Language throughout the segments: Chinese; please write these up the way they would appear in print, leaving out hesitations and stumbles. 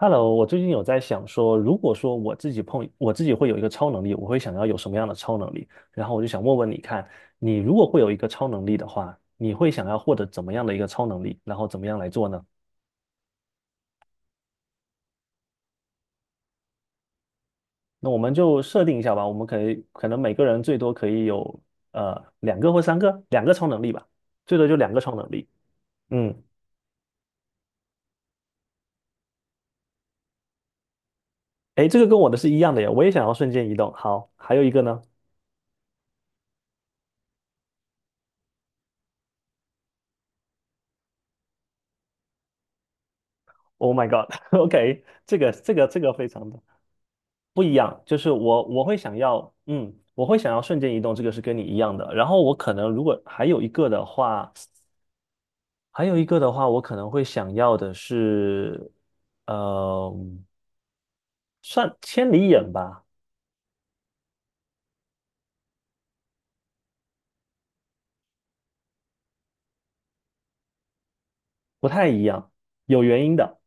Hello，我最近有在想说，如果说我自己碰我自己会有一个超能力，我会想要有什么样的超能力？然后我就想问问你看，你如果会有一个超能力的话，你会想要获得怎么样的一个超能力？然后怎么样来做呢？那我们就设定一下吧，我们可以可能每个人最多可以有呃两个或三个，两个超能力吧，最多就两个超能力。嗯。诶，这个跟我的是一样的呀，我也想要瞬间移动。好，还有一个呢？Oh my God，OK，这个非常不一样，就是我会想要，我会想要瞬间移动，这个是跟你一样的。然后我可能如果还有一个的话，还有一个的话，我可能会想要的是，呃，算千里眼吧。不太一样，有原因的。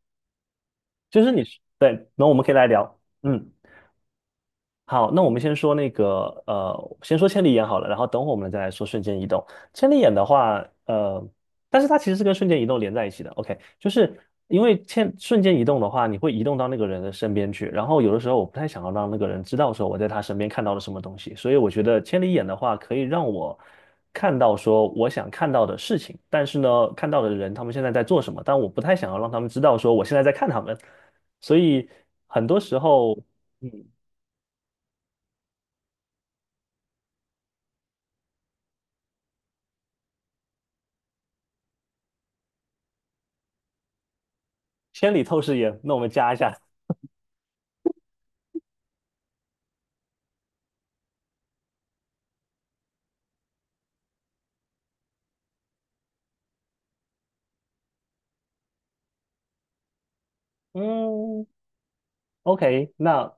就是你，对，那我们可以来聊，嗯。好，那我们先说那个，先说千里眼好了，然后等会我们再来说瞬间移动。千里眼的话，但是它其实是跟瞬间移动连在一起的。OK，就是因为瞬间移动的话，你会移动到那个人的身边去，然后有的时候我不太想要让那个人知道说我在他身边看到了什么东西，所以我觉得千里眼的话可以让我看到说我想看到的事情，但是呢，看到的人他们现在在做什么，但我不太想要让他们知道说我现在在看他们，所以很多时候。嗯。千里透视眼，那我们加一下。嗯，OK，那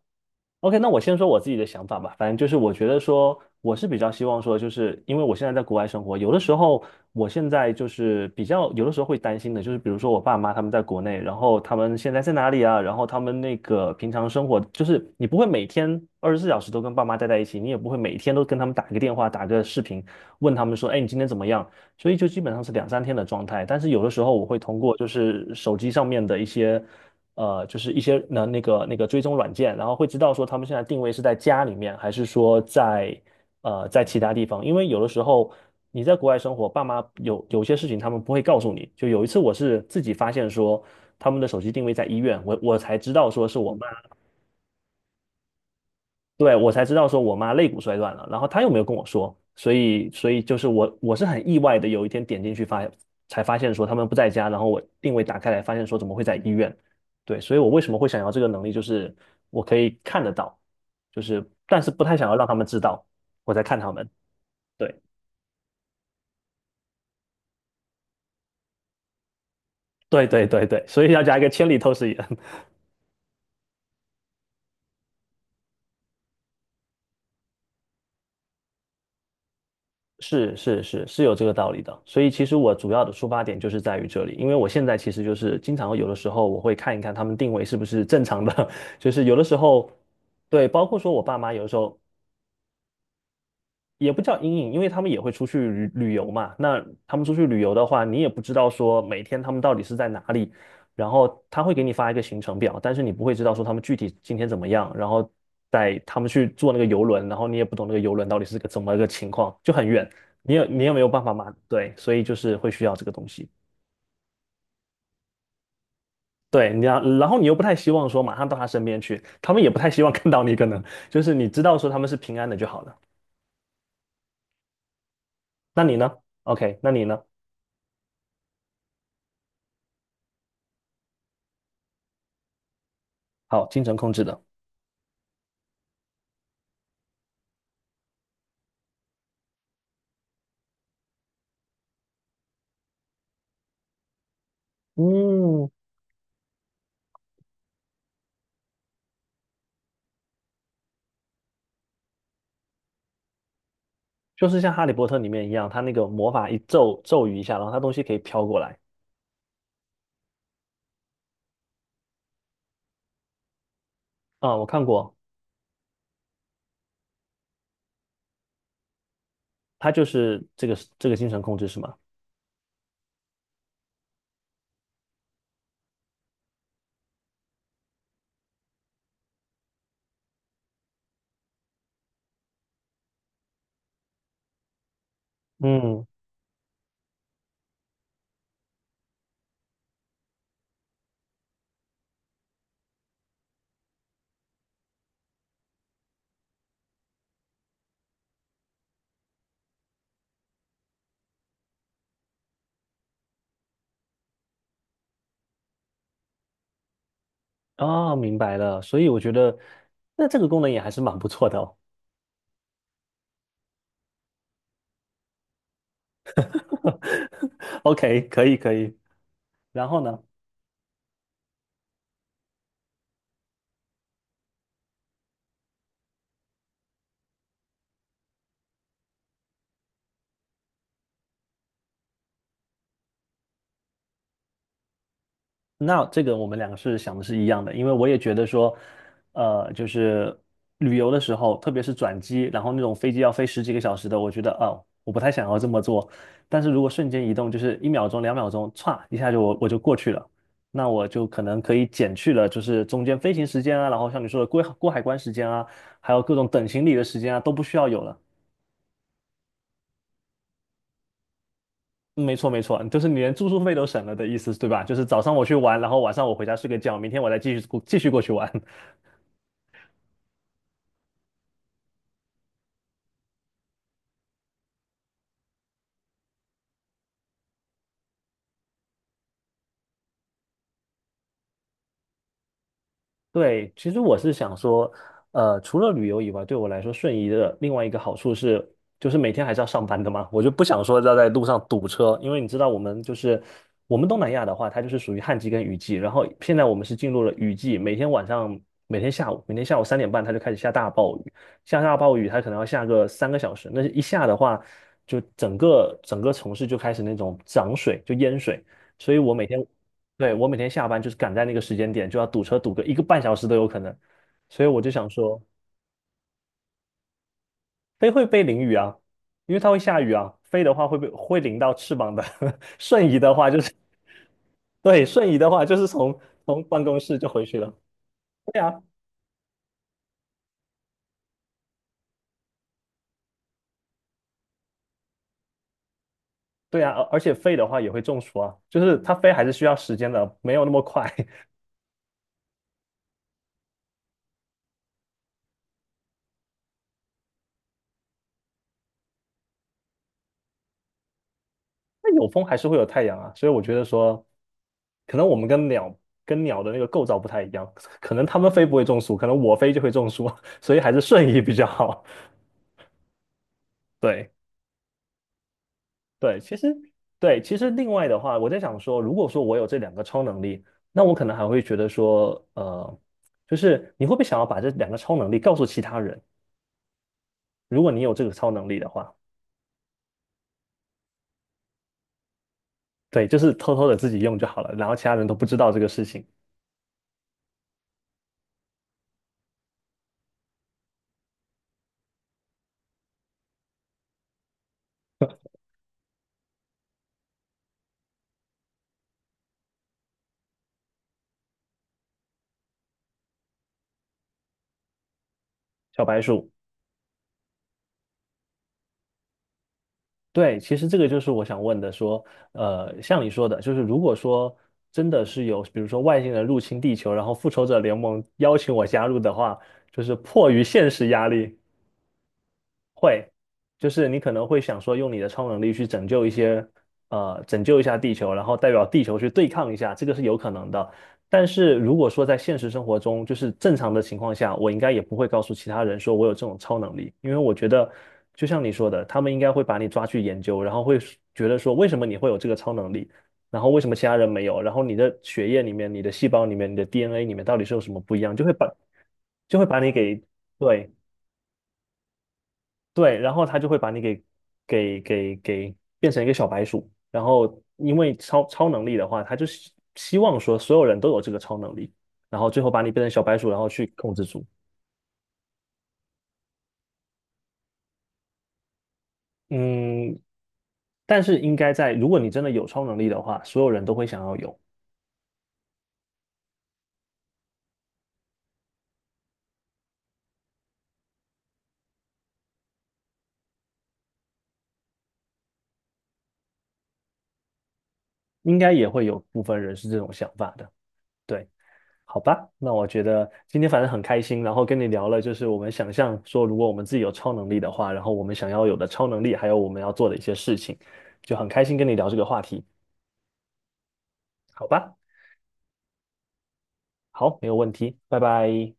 OK，那我先说我自己的想法吧。反正就是我觉得说，我是比较希望说，就是因为我现在在国外生活，有的时候我现在就是比较有的时候会担心的，就是比如说我爸妈他们在国内，然后他们现在在哪里啊？然后他们那个平常生活，就是你不会每天二十四小时都跟爸妈待在一起，你也不会每天都跟他们打个电话、打个视频，问他们说，哎，你今天怎么样？所以就基本上是两三天的状态。但是有的时候我会通过就是手机上面的一些。就是一些那个追踪软件，然后会知道说他们现在定位是在家里面，还是说在在其他地方。因为有的时候你在国外生活，爸妈有些事情他们不会告诉你。就有一次我是自己发现说他们的手机定位在医院，我才知道说是我妈对，我才知道说我妈肋骨摔断了，然后她又没有跟我说，所以就是我是很意外的，有一天点进去发才发现说他们不在家，然后我定位打开来发现说怎么会在医院？对，所以我为什么会想要这个能力，就是我可以看得到，就是但是不太想要让他们知道我在看他们。对对对，所以要加一个千里透视眼。是有这个道理的，所以其实我主要的出发点就是在于这里，因为我现在其实就是经常有的时候我会看一看他们定位是不是正常的，就是有的时候，对，包括说我爸妈有的时候也不叫阴影，因为他们也会出去旅游嘛。那他们出去旅游的话，你也不知道说每天他们到底是在哪里，然后他会给你发一个行程表，但是你不会知道说他们具体今天怎么样，然后带他们去坐那个游轮，然后你也不懂那个游轮到底是个怎么个情况，就很远，你也没有办法嘛，对，所以就是会需要这个东西。对，你要，然后你又不太希望说马上到他身边去，他们也不太希望看到你，可能就是你知道说他们是平安的就好了。那你呢？OK，那你呢？好，精神控制的。嗯，就是像《哈利波特》里面一样，他那个魔法一咒语一下，然后他东西可以飘过来。啊、我看过，他就是这个精神控制是吗？嗯。哦，明白了。所以我觉得，那这个功能也还是蛮不错的哦。OK，可以可以。然后呢？那这个我们两个是想的是一样的，因为我也觉得说，就是旅游的时候，特别是转机，然后那种飞机要飞十几个小时的，我觉得哦，我不太想要这么做。但是如果瞬间移动，就是一秒钟、两秒钟，歘一下就我就过去了，那我就可能可以减去了，就是中间飞行时间啊，然后像你说的过海关时间啊，还有各种等行李的时间啊，都不需要有了。没错，没错，就是你连住宿费都省了的意思，对吧？就是早上我去玩，然后晚上我回家睡个觉，明天我再继续过去玩。对，其实我是想说，除了旅游以外，对我来说，瞬移的另外一个好处是，就是每天还是要上班的嘛，我就不想说要在路上堵车，因为你知道我们就是我们东南亚的话，它就是属于旱季跟雨季，然后现在我们是进入了雨季，每天下午、每天下午三点半它就开始下大暴雨，下大暴雨它可能要下个三个小时，那一下的话，就整个城市就开始那种涨水，就淹水。所以我每天对，我每天下班就是赶在那个时间点，就要堵车堵个一个半小时都有可能，所以我就想说，飞会被淋雨啊，因为它会下雨啊，飞的话会被会淋到翅膀的，瞬移的话就是，对，瞬移的话就是从从办公室就回去了。对啊，对啊，而且飞的话也会中暑啊，就是它飞还是需要时间的，没有那么快。那有风还是会有太阳啊，所以我觉得说，可能我们跟鸟的那个构造不太一样，可能它们飞不会中暑，可能我飞就会中暑，所以还是瞬移比较好。对对，对，其实另外的话，我在想说，如果说我有这两个超能力，那我可能还会觉得说，就是你会不会想要把这两个超能力告诉其他人？如果你有这个超能力的话，对，就是偷偷的自己用就好了，然后其他人都不知道这个事情。小白鼠。对，其实这个就是我想问的，说，像你说的，就是如果说真的是有，比如说外星人入侵地球，然后复仇者联盟邀请我加入的话，就是迫于现实压力，会，就是你可能会想说，用你的超能力去拯救一些，拯救一下地球，然后代表地球去对抗一下，这个是有可能的。但是如果说在现实生活中，就是正常的情况下，我应该也不会告诉其他人说我有这种超能力，因为我觉得，就像你说的，他们应该会把你抓去研究，然后会觉得说为什么你会有这个超能力，然后为什么其他人没有，然后你的血液里面、你的细胞里面、你的 DNA 里面到底是有什么不一样，就会把你给对。对，然后他就会把你给给变成一个小白鼠。然后因为超能力的话，他就希望说所有人都有这个超能力，然后最后把你变成小白鼠，然后去控制住。嗯，但是应该在，如果你真的有超能力的话，所有人都会想要有，应该也会有部分人是这种想法的。对。好吧，那我觉得今天反正很开心，然后跟你聊了，就是我们想象说，如果我们自己有超能力的话，然后我们想要有的超能力，还有我们要做的一些事情，就很开心跟你聊这个话题，好吧？好，没有问题，拜拜。